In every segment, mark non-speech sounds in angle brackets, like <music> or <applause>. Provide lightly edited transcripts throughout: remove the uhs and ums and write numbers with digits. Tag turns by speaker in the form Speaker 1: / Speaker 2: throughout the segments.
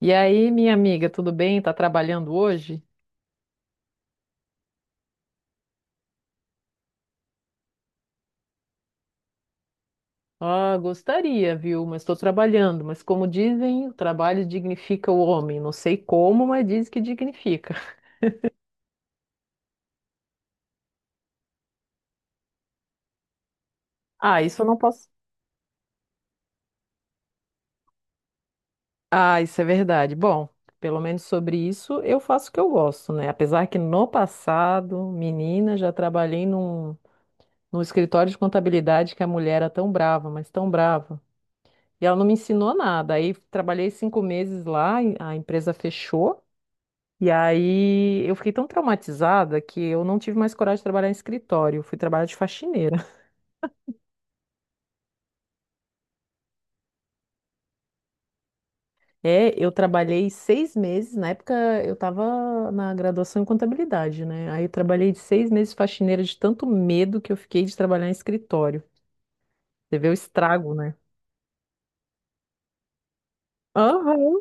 Speaker 1: E aí, minha amiga, tudo bem? Tá trabalhando hoje? Ah, gostaria, viu? Mas estou trabalhando. Mas como dizem, o trabalho dignifica o homem. Não sei como, mas diz que dignifica. <laughs> Ah, isso eu não posso. Ah, isso é verdade. Bom, pelo menos sobre isso eu faço o que eu gosto, né? Apesar que no passado, menina, já trabalhei num escritório de contabilidade que a mulher era tão brava, mas tão brava. E ela não me ensinou nada. Aí trabalhei 5 meses lá, e a empresa fechou. E aí eu fiquei tão traumatizada que eu não tive mais coragem de trabalhar em escritório. Eu fui trabalhar de faxineira. <laughs> É, eu trabalhei 6 meses. Na época eu estava na graduação em contabilidade, né? Aí eu trabalhei de 6 meses de faxineira de tanto medo que eu fiquei de trabalhar em escritório. Você vê o estrago, né? Aham.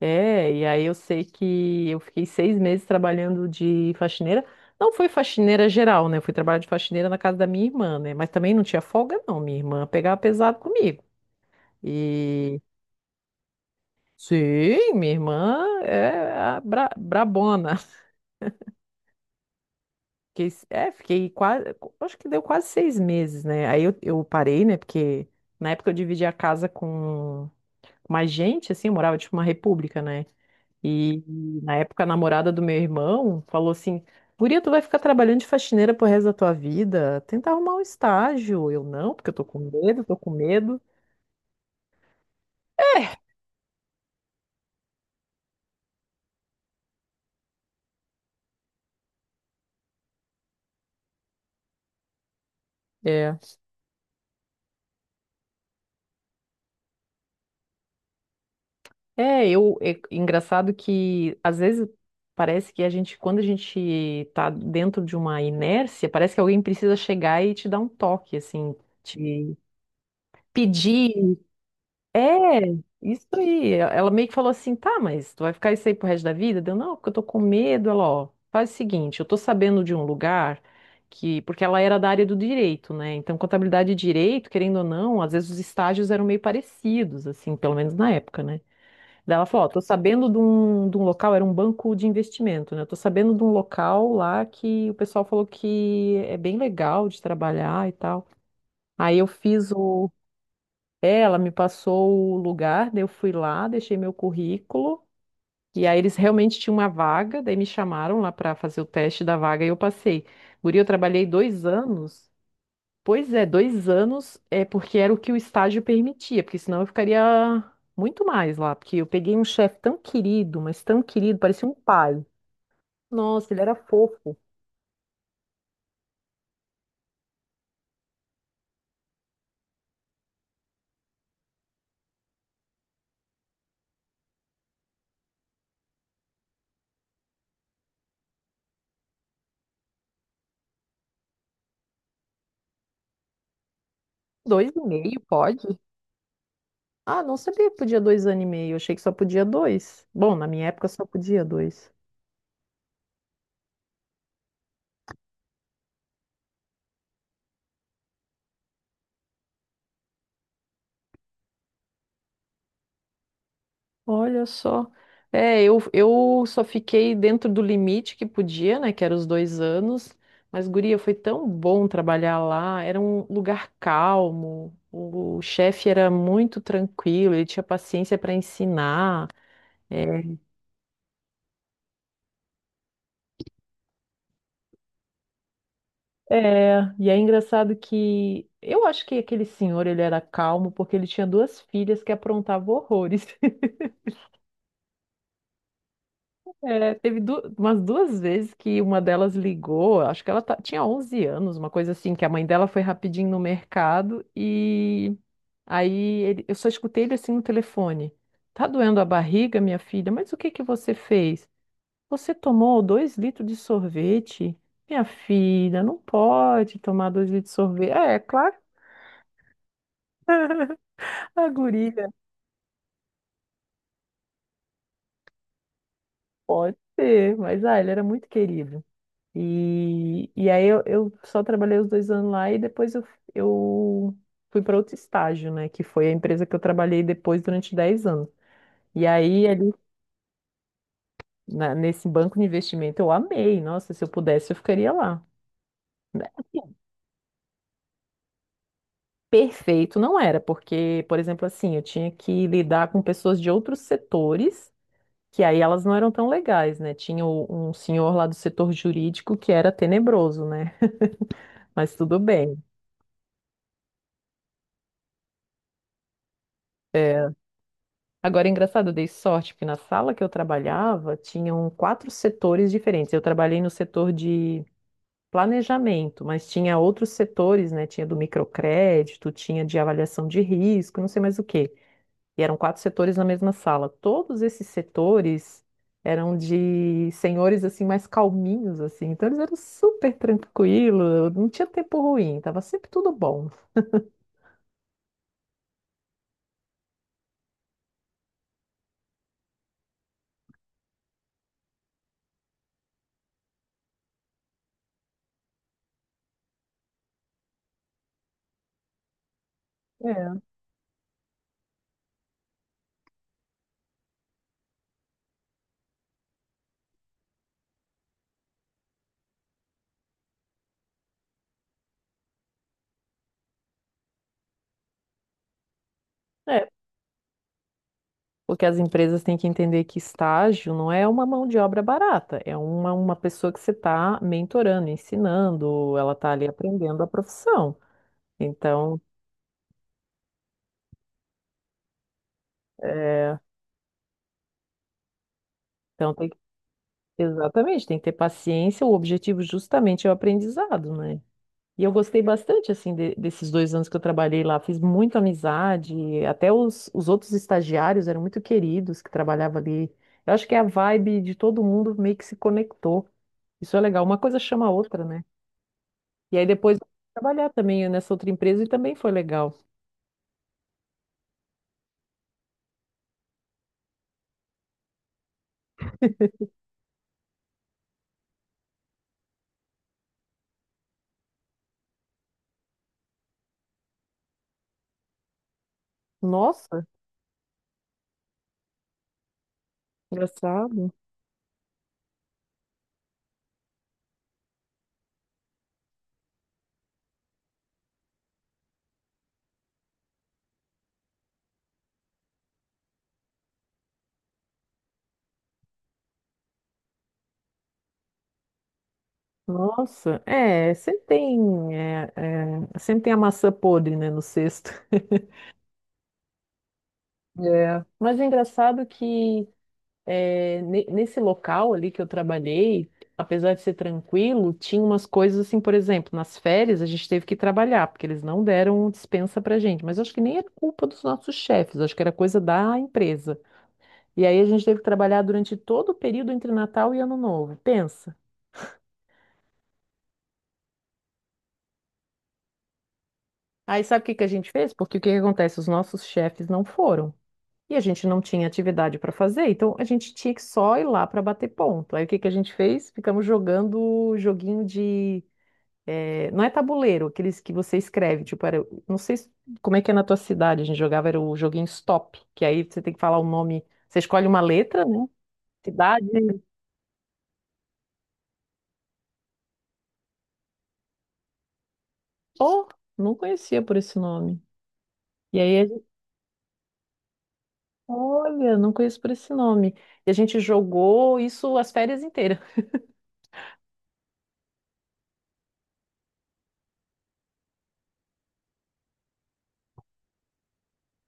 Speaker 1: É, e aí eu sei que eu fiquei 6 meses trabalhando de faxineira. Não foi faxineira geral, né? Eu fui trabalhar de faxineira na casa da minha irmã, né? Mas também não tinha folga, não. Minha irmã pegava pesado comigo. E sim, minha irmã é a brabona. <laughs> Fiquei quase, acho que deu quase 6 meses, né? Aí eu parei, né? Porque na época eu dividi a casa com mais gente, assim, eu morava tipo uma república, né? E na época a namorada do meu irmão falou assim: Guria, tu vai ficar trabalhando de faxineira pro resto da tua vida? Tenta arrumar um estágio. Eu não, porque eu tô com medo, tô com medo. É, é, é engraçado que às vezes parece que a gente, quando a gente tá dentro de uma inércia, parece que alguém precisa chegar e te dar um toque, assim, te pedir. É, isso aí. Ela meio que falou assim, tá, mas tu vai ficar isso aí pro resto da vida? Deu, não, porque eu tô com medo. Ela, ó, faz o seguinte, eu tô sabendo de um lugar que, porque ela era da área do direito, né? Então, contabilidade e direito, querendo ou não, às vezes os estágios eram meio parecidos, assim, pelo menos na época, né? Daí ela falou, ó, tô sabendo de um local, era um banco de investimento, né? Eu tô sabendo de um local lá que o pessoal falou que é bem legal de trabalhar e tal. Aí eu fiz o. É, ela me passou o lugar, daí eu fui lá, deixei meu currículo, e aí eles realmente tinham uma vaga, daí me chamaram lá para fazer o teste da vaga e eu passei. Guri, eu trabalhei 2 anos. Pois é, 2 anos é porque era o que o estágio permitia, porque senão eu ficaria muito mais lá, porque eu peguei um chefe tão querido, mas tão querido, parecia um pai. Nossa, ele era fofo. Dois e meio, pode? Ah, não sabia que podia 2 anos e meio, eu achei que só podia dois. Bom, na minha época só podia dois. Olha só. É, eu só fiquei dentro do limite que podia, né? Que era os 2 anos. Mas, guria, foi tão bom trabalhar lá. Era um lugar calmo. O chefe era muito tranquilo, ele tinha paciência para ensinar. É, é, e é engraçado que eu acho que aquele senhor ele era calmo porque ele tinha duas filhas que aprontavam horrores. É, teve umas duas vezes que uma delas ligou, acho que ela tinha 11 anos, uma coisa assim, que a mãe dela foi rapidinho no mercado e aí eu só escutei ele assim no telefone. Tá doendo a barriga, minha filha? Mas o que que você fez? Você tomou 2 litros de sorvete? Minha filha, não pode tomar 2 litros de sorvete. É, claro, a guria pode ser, mas ele era muito querido. E aí eu só trabalhei os 2 anos lá e depois eu fui para outro estágio, né? Que foi a empresa que eu trabalhei depois durante 10 anos. E aí, ali, nesse banco de investimento, eu amei. Nossa, se eu pudesse, eu ficaria lá. Né, assim, perfeito não era, porque, por exemplo, assim, eu tinha que lidar com pessoas de outros setores, que aí elas não eram tão legais, né? Tinha um senhor lá do setor jurídico que era tenebroso, né? Mas tudo bem. É, agora, é engraçado, eu dei sorte, porque na sala que eu trabalhava, tinham quatro setores diferentes. Eu trabalhei no setor de planejamento, mas tinha outros setores, né? Tinha do microcrédito, tinha de avaliação de risco, não sei mais o quê. E eram quatro setores na mesma sala. Todos esses setores eram de senhores, assim, mais calminhos, assim. Então, eles eram super tranquilos, não tinha tempo ruim, tava sempre tudo bom. É. Porque as empresas têm que entender que estágio não é uma mão de obra barata, é uma pessoa que você está mentorando, ensinando, ela está ali aprendendo a profissão. Então, é, então, exatamente, tem que ter paciência, o objetivo justamente é o aprendizado, né? E eu gostei bastante, assim, desses 2 anos que eu trabalhei lá, fiz muita amizade, até os outros estagiários eram muito queridos que trabalhavam ali. Eu acho que é a vibe de todo mundo meio que se conectou. Isso é legal, uma coisa chama a outra, né? E aí depois eu fui trabalhar também nessa outra empresa e também foi legal. Nossa, engraçado. Nossa, é, sempre tem a maçã podre, né, no cesto. <laughs> É. Mas é engraçado que é, nesse local ali que eu trabalhei, apesar de ser tranquilo, tinha umas coisas assim, por exemplo, nas férias a gente teve que trabalhar, porque eles não deram dispensa pra gente. Mas acho que nem era culpa dos nossos chefes, acho que era coisa da empresa. E aí a gente teve que trabalhar durante todo o período entre Natal e Ano Novo. Pensa. Aí sabe o que que a gente fez? Porque o que que acontece? Os nossos chefes não foram. E a gente não tinha atividade para fazer, então a gente tinha que só ir lá para bater ponto. Aí o que que a gente fez? Ficamos jogando joguinho de. Não é tabuleiro, aqueles que você escreve, tipo, era... não sei como é que é na tua cidade, a gente jogava, era o joguinho Stop, que aí você tem que falar o nome, você escolhe uma letra, né? Cidade. Oh, não conhecia por esse nome. E aí olha, não conheço por esse nome. E a gente jogou isso as férias inteiras.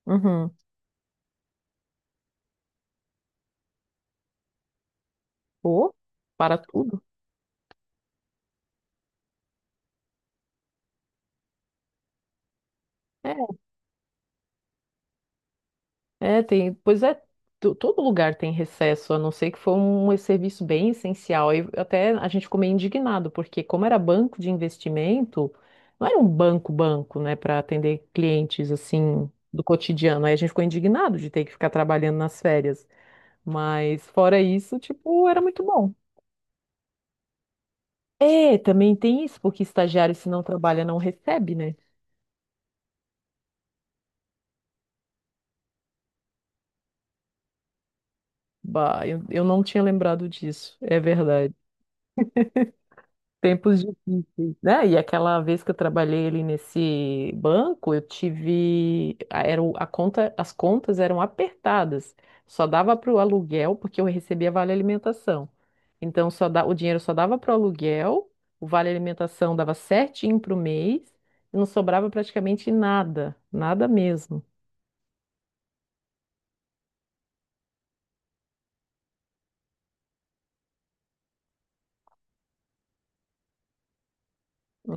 Speaker 1: Uhum. Pô, para tudo? É, é, tem. Pois é, todo lugar tem recesso, a não ser que foi um serviço bem essencial. E até a gente ficou meio indignado, porque como era banco de investimento, não era um banco banco, né, para atender clientes assim do cotidiano. Aí a gente ficou indignado de ter que ficar trabalhando nas férias. Mas fora isso, tipo, era muito bom. É, também tem isso, porque estagiário, se não trabalha, não recebe, né? Bah, eu não tinha lembrado disso, é verdade. Tempos difíceis, né? E aquela vez que eu trabalhei ali nesse banco, eu tive. A conta, as contas eram apertadas, só dava para o aluguel, porque eu recebia vale alimentação. Então, o dinheiro só dava para o aluguel, o vale alimentação dava certinho para o mês, e não sobrava praticamente nada, nada mesmo.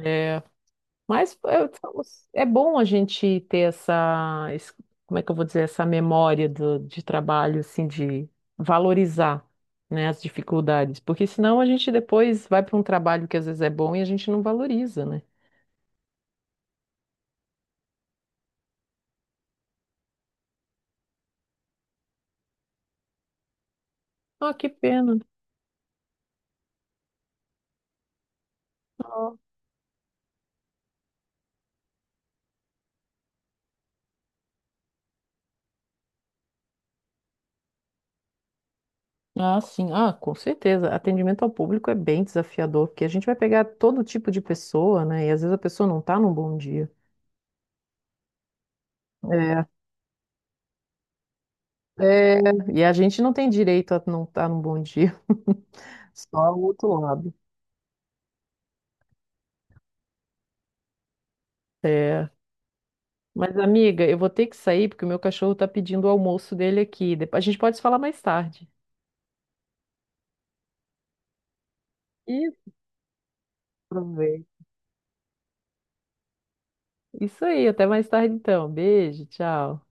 Speaker 1: É. Mas é bom a gente ter essa, como é que eu vou dizer, essa memória de trabalho, assim, de valorizar, né, as dificuldades, porque senão a gente depois vai para um trabalho que às vezes é bom e a gente não valoriza, né? Ah, que pena. Ah, ah, sim, ah, com certeza. Atendimento ao público é bem desafiador, porque a gente vai pegar todo tipo de pessoa, né? E às vezes a pessoa não está num bom dia. É, é, e a gente não tem direito a não estar num bom dia, <laughs> só o outro lado. É. Mas, amiga, eu vou ter que sair porque o meu cachorro tá pedindo o almoço dele aqui. Depois a gente pode se falar mais tarde. Isso, vê. Isso aí, até mais tarde então. Beijo, tchau.